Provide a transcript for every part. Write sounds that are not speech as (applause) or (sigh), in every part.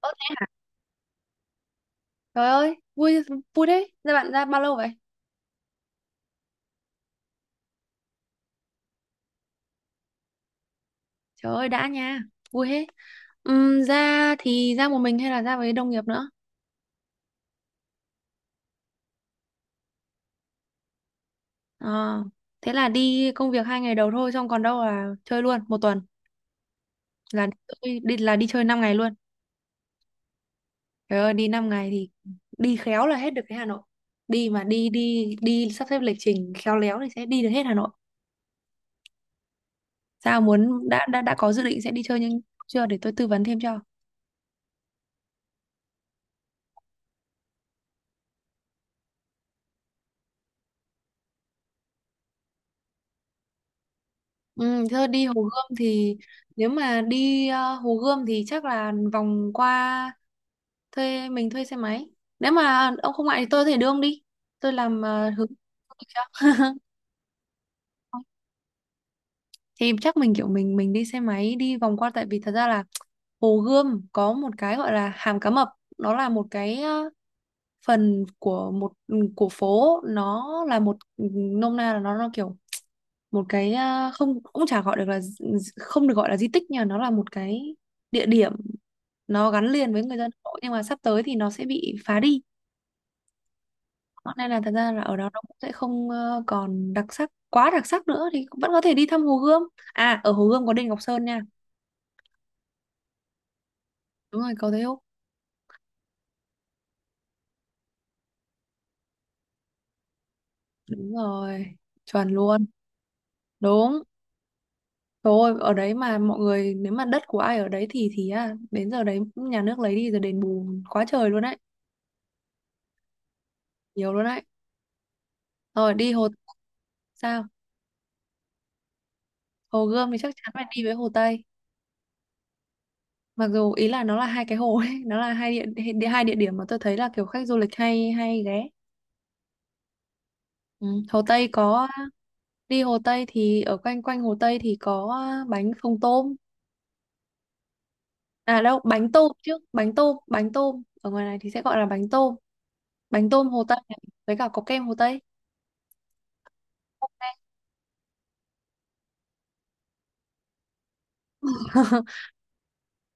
Ơ, Trời ơi, vui vui đấy. Ra bạn ra bao lâu vậy? Trời ơi đã nha, vui hết. Ra thì ra một mình hay là ra với đồng nghiệp nữa? Ờ, thế là đi công việc 2 ngày đầu thôi, xong còn đâu là chơi luôn một tuần là là đi chơi 5 ngày luôn. Trời ơi đi 5 ngày thì đi khéo là hết được cái Hà Nội. Đi mà đi đi đi sắp xếp lịch trình khéo léo thì sẽ đi được hết Hà Nội. Sao muốn đã có dự định sẽ đi chơi nhưng chưa để tôi tư vấn thêm cho. Ừ, thưa đi Hồ Gươm thì nếu mà đi Hồ Gươm thì chắc là vòng qua mình thuê xe máy. Nếu mà ông không ngại thì tôi có thể đưa ông đi. Tôi làm hướng (laughs) thì chắc mình kiểu mình đi xe máy đi vòng qua tại vì thật ra là Hồ Gươm có một cái gọi là Hàm Cá Mập, nó là một cái phần của một của phố, nó là một nôm na là nó kiểu một cái không cũng chả gọi được là không được gọi là di tích nhưng mà nó là một cái địa điểm nó gắn liền với người dân Hà Nội nhưng mà sắp tới thì nó sẽ bị phá đi nên là thật ra là ở đó nó cũng sẽ không còn đặc sắc quá đặc sắc nữa thì vẫn có thể đi thăm Hồ Gươm. À, ở Hồ Gươm có đền Ngọc Sơn nha. Đúng rồi cầu Thế Húc, đúng rồi chuẩn luôn đúng. Thôi ở đấy mà mọi người nếu mà đất của ai ở đấy thì đến giờ đấy nhà nước lấy đi rồi đền bù quá trời luôn đấy, nhiều luôn đấy. Rồi đi Hồ, sao, Hồ Gươm thì chắc chắn phải đi với Hồ Tây. Mặc dù ý là nó là hai cái hồ ấy, (laughs) nó là hai địa, địa hai địa điểm mà tôi thấy là kiểu khách du lịch hay hay ghé. Ừ. Hồ Tây có đi Hồ Tây thì ở quanh quanh Hồ Tây thì có bánh phồng tôm. À đâu, bánh tôm chứ, bánh tôm, bánh tôm. Ở ngoài này thì sẽ gọi là bánh tôm. Bánh tôm Hồ Tây này, với cả có kem Hồ Tây. (laughs)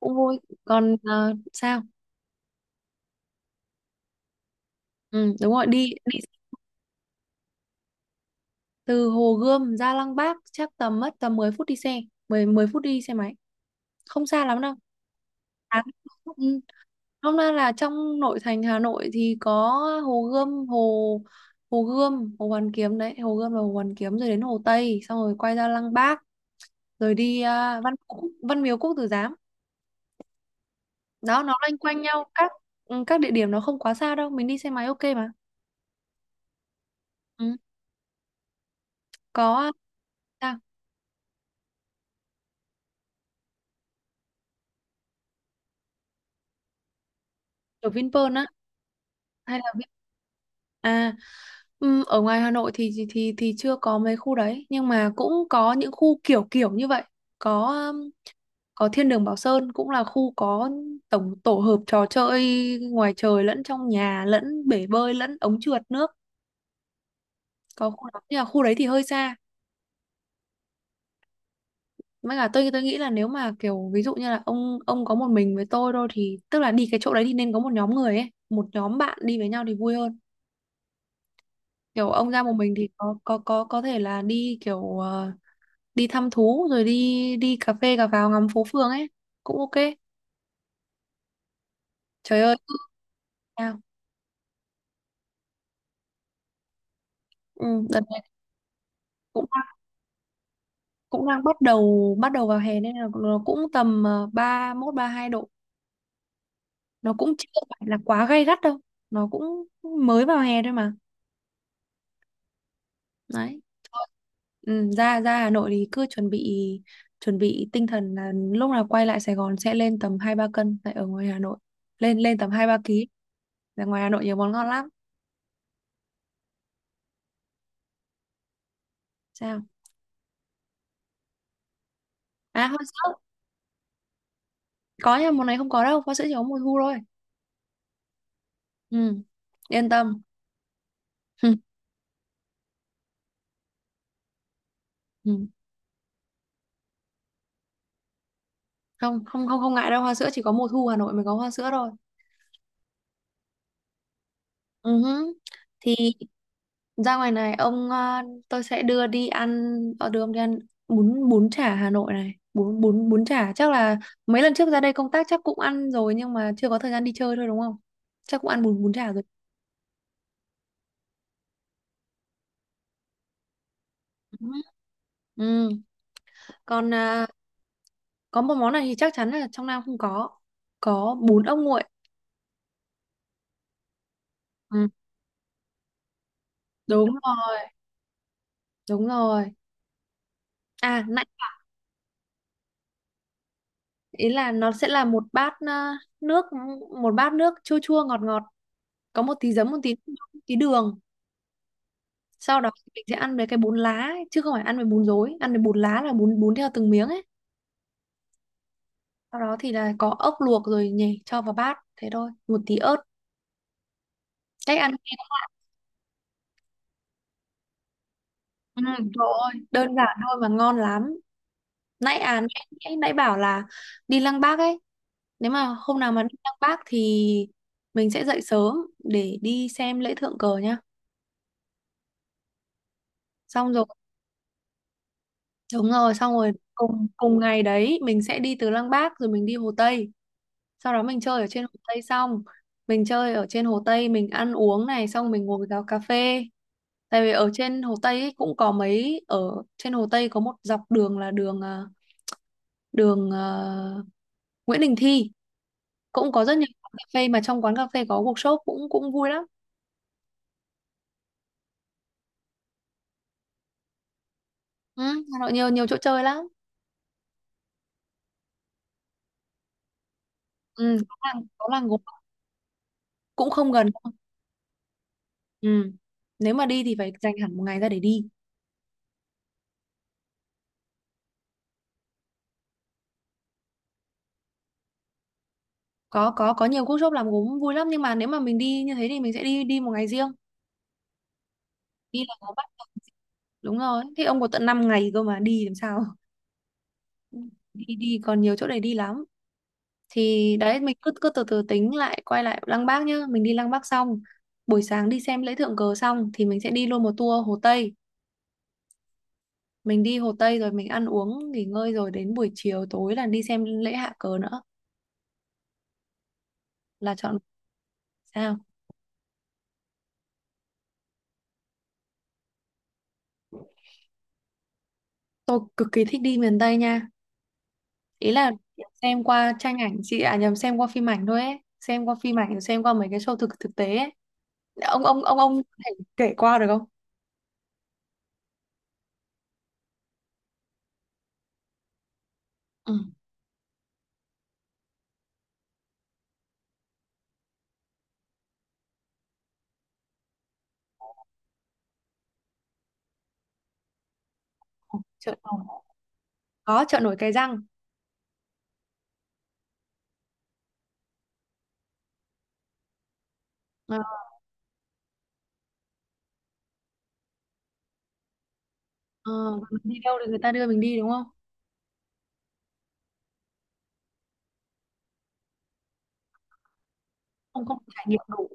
Cũng vui. Còn sao? Ừ, đúng rồi, đi từ Hồ Gươm ra Lăng Bác chắc tầm mất tầm 10 phút đi xe, 10 10 phút đi xe máy. Không xa lắm đâu. À, ừ. Hôm nay là trong nội thành Hà Nội thì có Hồ Gươm, Hồ Hồ Gươm, Hồ Hoàn Kiếm đấy, Hồ Gươm là Hồ Hoàn Kiếm, rồi đến Hồ Tây, xong rồi quay ra Lăng Bác, rồi đi Văn Miếu Quốc Tử Giám. Đó nó loanh quanh nhau, các địa điểm nó không quá xa đâu, mình đi xe máy ok mà. Ừ. Có à, ở Vinpearl á hay là À, ở ngoài Hà Nội thì chưa có mấy khu đấy nhưng mà cũng có những khu kiểu kiểu như vậy. Có có Thiên đường Bảo Sơn cũng là khu có tổ hợp trò chơi ngoài trời lẫn trong nhà lẫn bể bơi lẫn ống trượt nước, có khu đó nhưng mà khu đấy thì hơi xa. Mới cả tôi nghĩ là nếu mà kiểu ví dụ như là ông có một mình với tôi thôi thì tức là đi cái chỗ đấy thì nên có một nhóm người ấy, một nhóm bạn đi với nhau thì vui hơn. Kiểu ông ra một mình thì có thể là đi kiểu đi thăm thú rồi đi đi cà phê cà pháo ngắm phố phường ấy cũng ok. Trời ơi sao? Ừ, đợt này cũng cũng đang bắt đầu vào hè nên là nó cũng tầm 31-32 độ. Nó cũng chưa phải là quá gay gắt đâu. Nó cũng mới vào hè thôi mà. Đấy. Thôi, ừ, ra ra Hà Nội thì cứ chuẩn bị tinh thần là lúc nào quay lại Sài Gòn sẽ lên tầm 2-3 cân tại ở ngoài Hà Nội. Lên lên tầm 2-3 ký. Là ngoài Hà Nội nhiều món ngon lắm. Sao? À hoa sữa. Có nhưng mà món này không có đâu, hoa sữa chỉ có mùa thu thôi. Ừ. Yên tâm. (laughs) Ừ. Không, không, không, không ngại đâu, hoa sữa chỉ có mùa thu Hà Nội mới có hoa sữa thôi. Ừ hứ. Thì ra ngoài này ông tôi sẽ đưa đi ăn đưa ông đi ăn bún bún chả Hà Nội này, bún bún bún chả chắc là mấy lần trước ra đây công tác chắc cũng ăn rồi nhưng mà chưa có thời gian đi chơi thôi đúng không, chắc cũng ăn bún bún chả rồi. Ừ. Ừ, còn có một món này thì chắc chắn là trong Nam không có. Có bún ốc nguội. Ừ, đúng rồi, đúng rồi. À, nãy ý là nó sẽ là nước một bát nước chua chua ngọt ngọt, có một tí giấm, một tí đường. Sau đó thì mình sẽ ăn với cái bún lá ấy, chứ không phải ăn với bún rối, ăn với bún lá là bún bún theo từng miếng ấy. Sau đó thì là có ốc luộc rồi nhỉ, cho vào bát thế thôi, một tí ớt, cách ăn. Ừ, trời ơi đơn giản thôi mà ngon lắm. nãy à nãy, nãy nãy bảo là đi Lăng Bác ấy, nếu mà hôm nào mà đi Lăng Bác thì mình sẽ dậy sớm để đi xem lễ thượng cờ nhá, xong rồi đúng rồi, xong rồi cùng cùng ngày đấy mình sẽ đi từ Lăng Bác rồi mình đi Hồ Tây, sau đó mình chơi ở trên Hồ Tây, xong mình chơi ở trên Hồ Tây mình ăn uống này, xong mình ngồi vào cà phê, tại vì ở trên Hồ Tây ấy cũng có mấy ở trên Hồ Tây có một dọc đường là đường Nguyễn Đình Thi, cũng có rất nhiều quán cà phê mà trong quán cà phê có workshop cũng cũng vui lắm. Ừ, Hà Nội nhiều nhiều chỗ chơi lắm. Ừ, có làng Gốm, cũng không gần đâu. Ừ. Nếu mà đi thì phải dành hẳn một ngày ra để đi. Có nhiều workshop làm gốm vui lắm nhưng mà nếu mà mình đi như thế thì mình sẽ đi đi một ngày riêng. Đi là có. Đúng rồi, thì ông có tận 5 ngày cơ mà đi làm sao? (laughs) Đi đi còn nhiều chỗ để đi lắm. Thì đấy mình cứ cứ từ từ tính lại, quay lại Lăng Bác nhá, mình đi Lăng Bác xong, buổi sáng đi xem lễ thượng cờ xong thì mình sẽ đi luôn một tour Hồ Tây. Mình đi Hồ Tây rồi mình ăn uống nghỉ ngơi rồi đến buổi chiều tối là đi xem lễ hạ cờ nữa, là chọn. Sao? Tôi cực kỳ thích đi miền Tây nha. Ý là xem qua tranh ảnh chị à nhầm xem qua phim ảnh thôi ấy, xem qua phim ảnh xem qua mấy cái show thực thực tế ấy. Ông có thể kể qua được không? Ừ. Chợ nổi có chợ nổi Cái Răng. ờ, ờ, mình đi đâu thì người ta đưa mình đi đúng không, không không trải nghiệm đủ.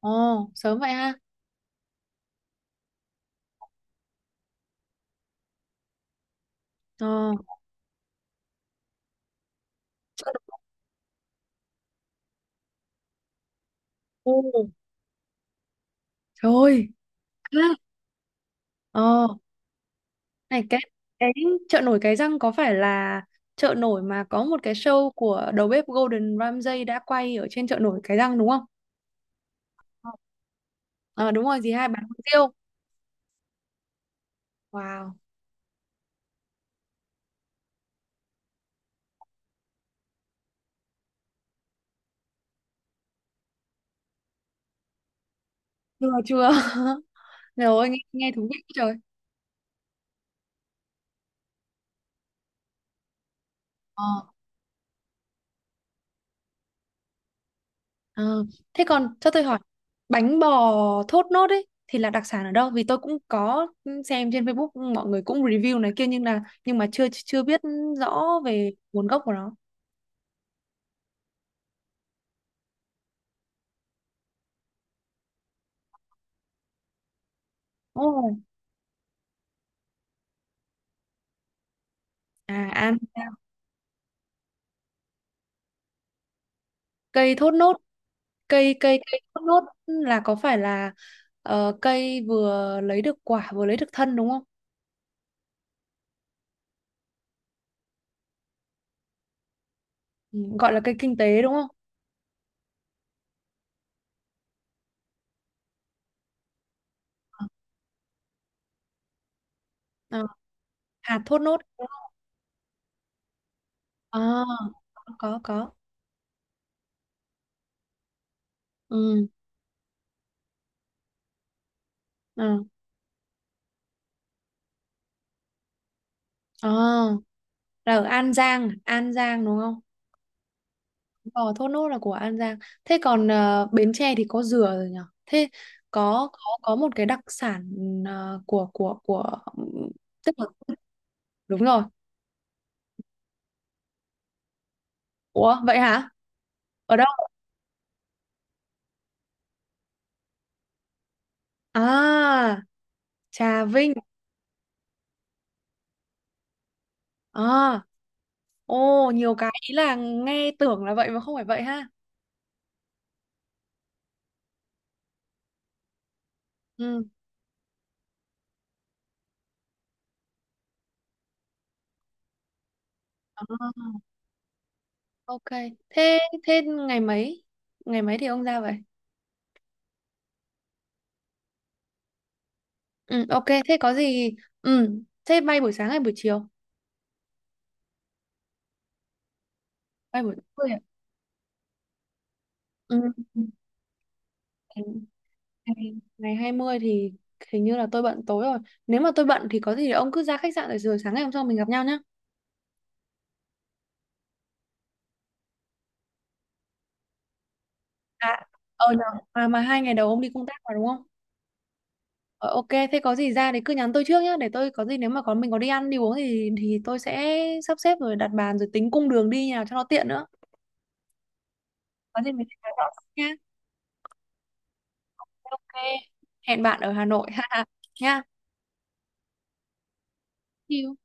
Ồ sớm vậy ha. ờ, chợ nổi. Ồ, trời ơi ha. ờ này cái chợ nổi Cái Răng có phải là chợ nổi mà có một cái show của đầu bếp Gordon Ramsay đã quay ở trên chợ nổi Cái Răng đúng không? Ờ. Ờ, đúng rồi gì hai bán hủ tiếu. Wow. Chưa chưa (laughs) rồi nghe nghe thú vị quá trời. Ờ. Ờ, thế còn cho tôi hỏi bánh bò thốt nốt ấy thì là đặc sản ở đâu? Vì tôi cũng có xem trên Facebook mọi người cũng review này kia nhưng mà chưa chưa biết rõ về nguồn gốc của nó. Ồ. À An, cây thốt nốt, cây cây cây thốt nốt là có phải là cây vừa lấy được quả vừa lấy được thân đúng không? Ừ, gọi là cây kinh tế đúng không? Ờ, hạt thốt nốt. À, có có. Ừ. Ờ. Ờ, là ở An Giang, An Giang đúng không? Ờ, Thốt Nốt là của An Giang. Thế còn Bến Tre thì có dừa rồi nhở? Thế có một cái đặc sản của tức là đúng rồi. Ủa vậy hả? Ở đâu? À, Trà Vinh. À, ô nhiều cái ý là nghe tưởng là vậy mà không phải vậy ha. Ừ. À, ok. Thế thế ngày mấy? Ngày mấy thì ông ra vậy? Ừ, ok. Thế có gì? Ừ. Thế bay buổi sáng hay buổi chiều? Bay buổi tối. À? Ừ. Ừ, ừ. ngày ngày 20 thì hình như là tôi bận tối rồi. Nếu mà tôi bận thì có gì ông cứ ra khách sạn rồi rồi sáng ngày hôm sau mình gặp nhau nhá. À, ờ nhờ. À, mà 2 ngày đầu ông đi công tác mà đúng không? Ờ, ok, thế có gì ra thì cứ nhắn tôi trước nhá, để tôi có gì nếu mà có mình có đi ăn đi uống thì tôi sẽ sắp xếp rồi đặt bàn rồi tính cung đường đi nhà cho nó tiện nữa. Có gì mình sẽ nói rõ nha. Ok. Hẹn bạn ở Hà Nội (laughs) ha nha. See you.